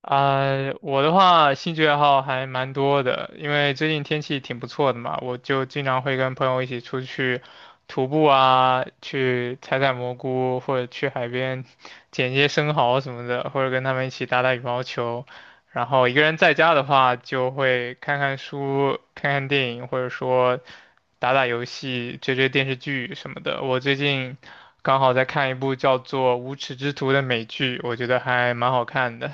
啊、我的话兴趣爱好还蛮多的，因为最近天气挺不错的嘛，我就经常会跟朋友一起出去徒步啊，去采采蘑菇，或者去海边捡一些生蚝什么的，或者跟他们一起打打羽毛球。然后一个人在家的话，就会看看书、看看电影，或者说打打游戏、追追电视剧什么的。我最近刚好在看一部叫做《无耻之徒》的美剧，我觉得还蛮好看的。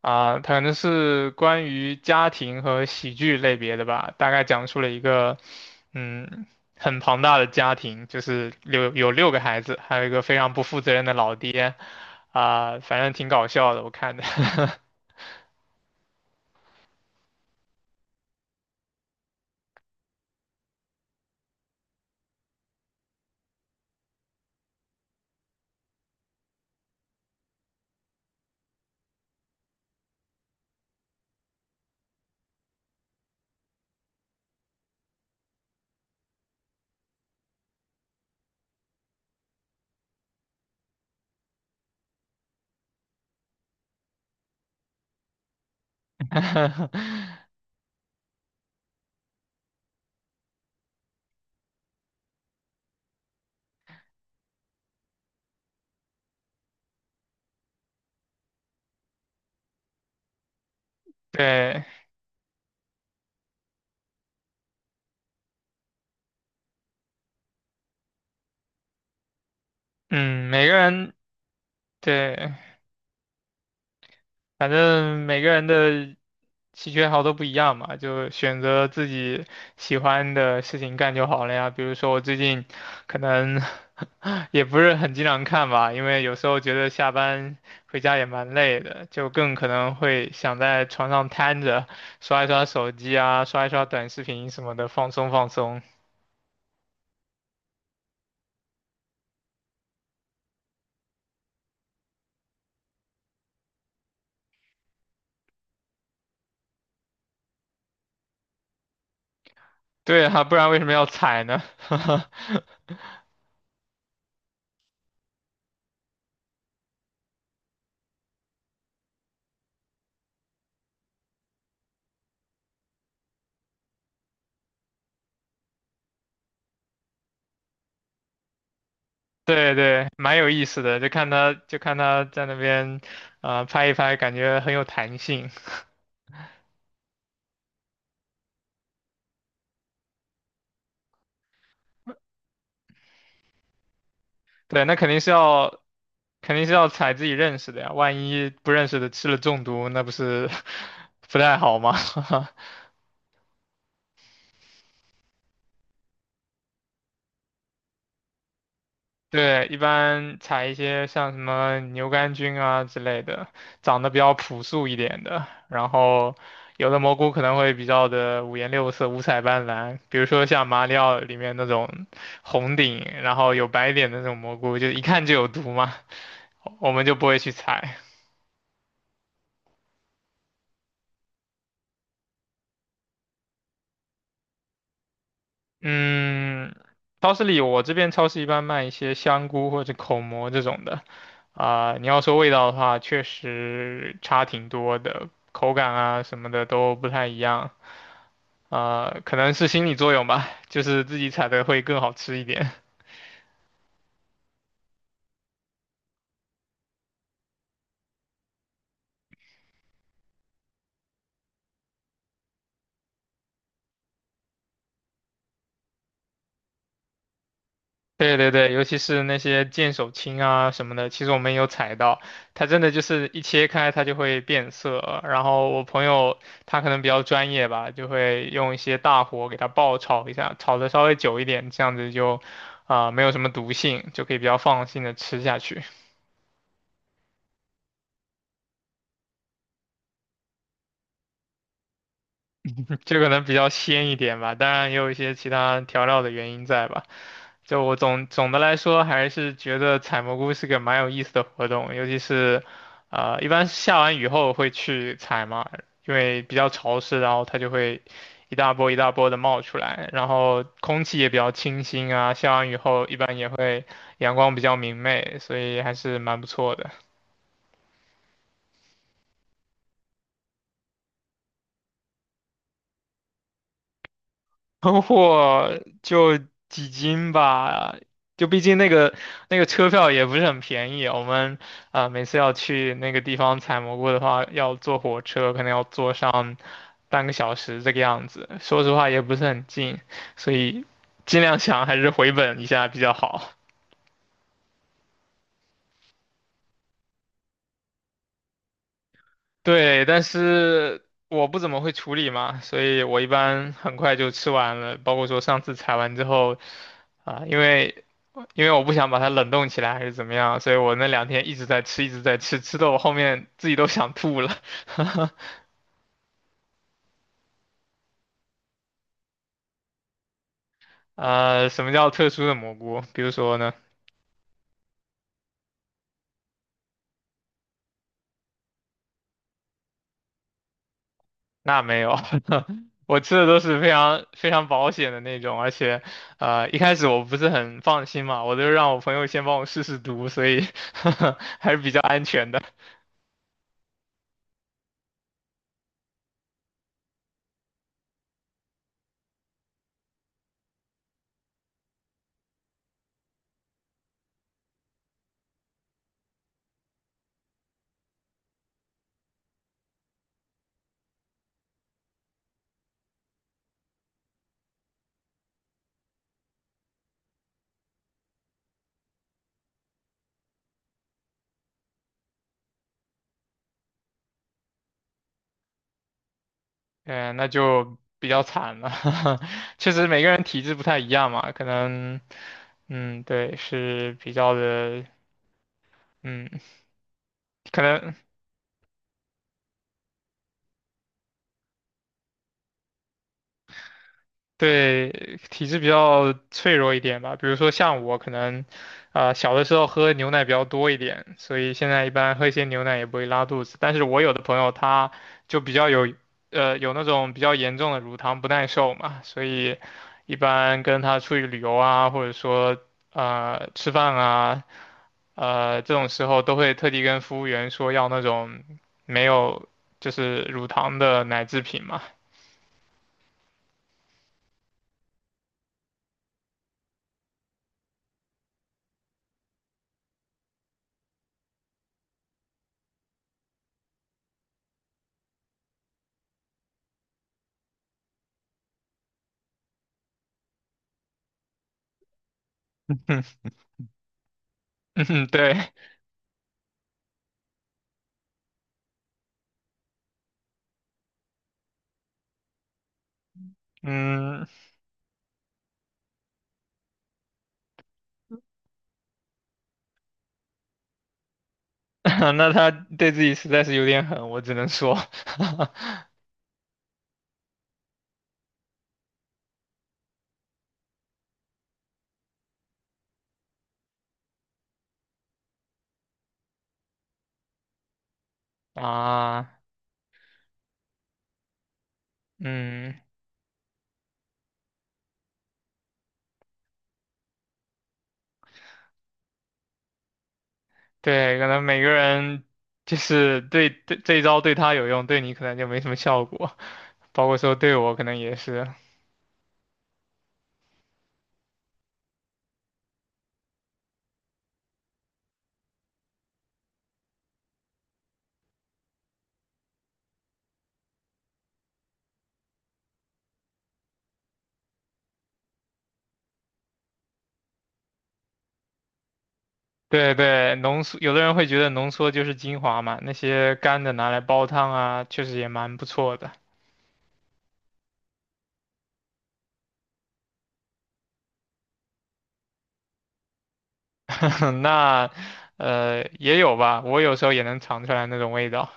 啊，它可能是关于家庭和喜剧类别的吧，大概讲述了一个，嗯，很庞大的家庭，就是有六个孩子，还有一个非常不负责任的老爹，反正挺搞笑的，我看的。对，嗯，每个人对，反正每个人的兴趣爱好都不一样嘛，就选择自己喜欢的事情干就好了呀。比如说我最近可能 也不是很经常看吧，因为有时候觉得下班回家也蛮累的，就更可能会想在床上瘫着刷一刷手机啊，刷一刷短视频什么的，放松放松。对啊，不然为什么要踩呢？对对，蛮有意思的，就看他在那边，啊，拍一拍，感觉很有弹性。对，那肯定是要踩自己认识的呀，万一不认识的吃了中毒，那不是 不太好吗？对，一般采一些像什么牛肝菌啊之类的，长得比较朴素一点的。然后，有的蘑菇可能会比较的五颜六色、五彩斑斓，比如说像马里奥里面那种红顶，然后有白点的那种蘑菇，就一看就有毒嘛，我们就不会去采。嗯，超市里我这边超市一般卖一些香菇或者口蘑这种的，你要说味道的话，确实差挺多的，口感啊什么的都不太一样，可能是心理作用吧，就是自己采的会更好吃一点。对对对，尤其是那些剑手青啊什么的，其实我们有采到，它真的就是一切开它就会变色。然后我朋友他可能比较专业吧，就会用一些大火给它爆炒一下，炒的稍微久一点，这样子就没有什么毒性，就可以比较放心的吃下去。这可能比较鲜一点吧，当然也有一些其他调料的原因在吧。就我总的来说，还是觉得采蘑菇是个蛮有意思的活动，尤其是，一般下完雨后会去采嘛，因为比较潮湿，然后它就会一大波一大波的冒出来，然后空气也比较清新啊，下完雨后一般也会阳光比较明媚，所以还是蛮不错的。囤货就几斤吧，就毕竟那个车票也不是很便宜，我们每次要去那个地方采蘑菇的话，要坐火车，可能要坐上半个小时这个样子。说实话也不是很近，所以尽量想还是回本一下比较好。对，但是我不怎么会处理嘛，所以我一般很快就吃完了。包括说上次采完之后，啊、因为因为我不想把它冷冻起来还是怎么样，所以我那两天一直在吃，一直在吃，吃的我后面自己都想吐了。什么叫特殊的蘑菇？比如说呢？那没有，我吃的都是非常非常保险的那种，而且，一开始我不是很放心嘛，我就让我朋友先帮我试试毒，所以 还是比较安全的。嗯，那就比较惨了，确实每个人体质不太一样嘛，可能，嗯，对，是比较的，嗯，可能。对，体质比较脆弱一点吧。比如说像我可能，小的时候喝牛奶比较多一点，所以现在一般喝一些牛奶也不会拉肚子。但是我有的朋友他就比较有，有那种比较严重的乳糖不耐受嘛，所以一般跟他出去旅游啊，或者说吃饭啊，这种时候都会特地跟服务员说要那种没有就是乳糖的奶制品嘛。嗯，对，嗯，那他对自己实在是有点狠，我只能说，啊，嗯，对，可能每个人就是对这一招对他有用，对你可能就没什么效果，包括说对我可能也是，对对，浓缩，有的人会觉得浓缩就是精华嘛，那些干的拿来煲汤啊，确实也蛮不错的，那也有吧，我有时候也能尝出来那种味道，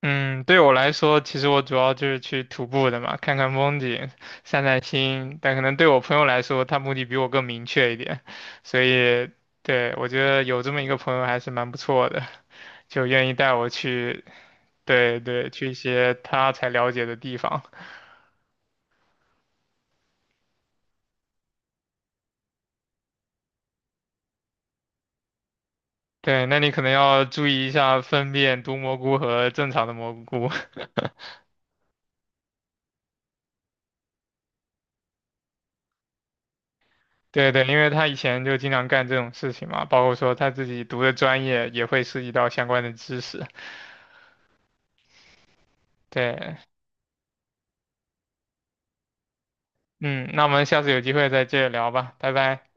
嗯，对我来说，其实我主要就是去徒步的嘛，看看风景，散散心。但可能对我朋友来说，他目的比我更明确一点，所以对我觉得有这么一个朋友还是蛮不错的，就愿意带我去，对对，去一些他才了解的地方。对，那你可能要注意一下分辨毒蘑菇和正常的蘑菇。对对，因为他以前就经常干这种事情嘛，包括说他自己读的专业也会涉及到相关的知识。对。嗯，那我们下次有机会再接着聊吧，拜拜。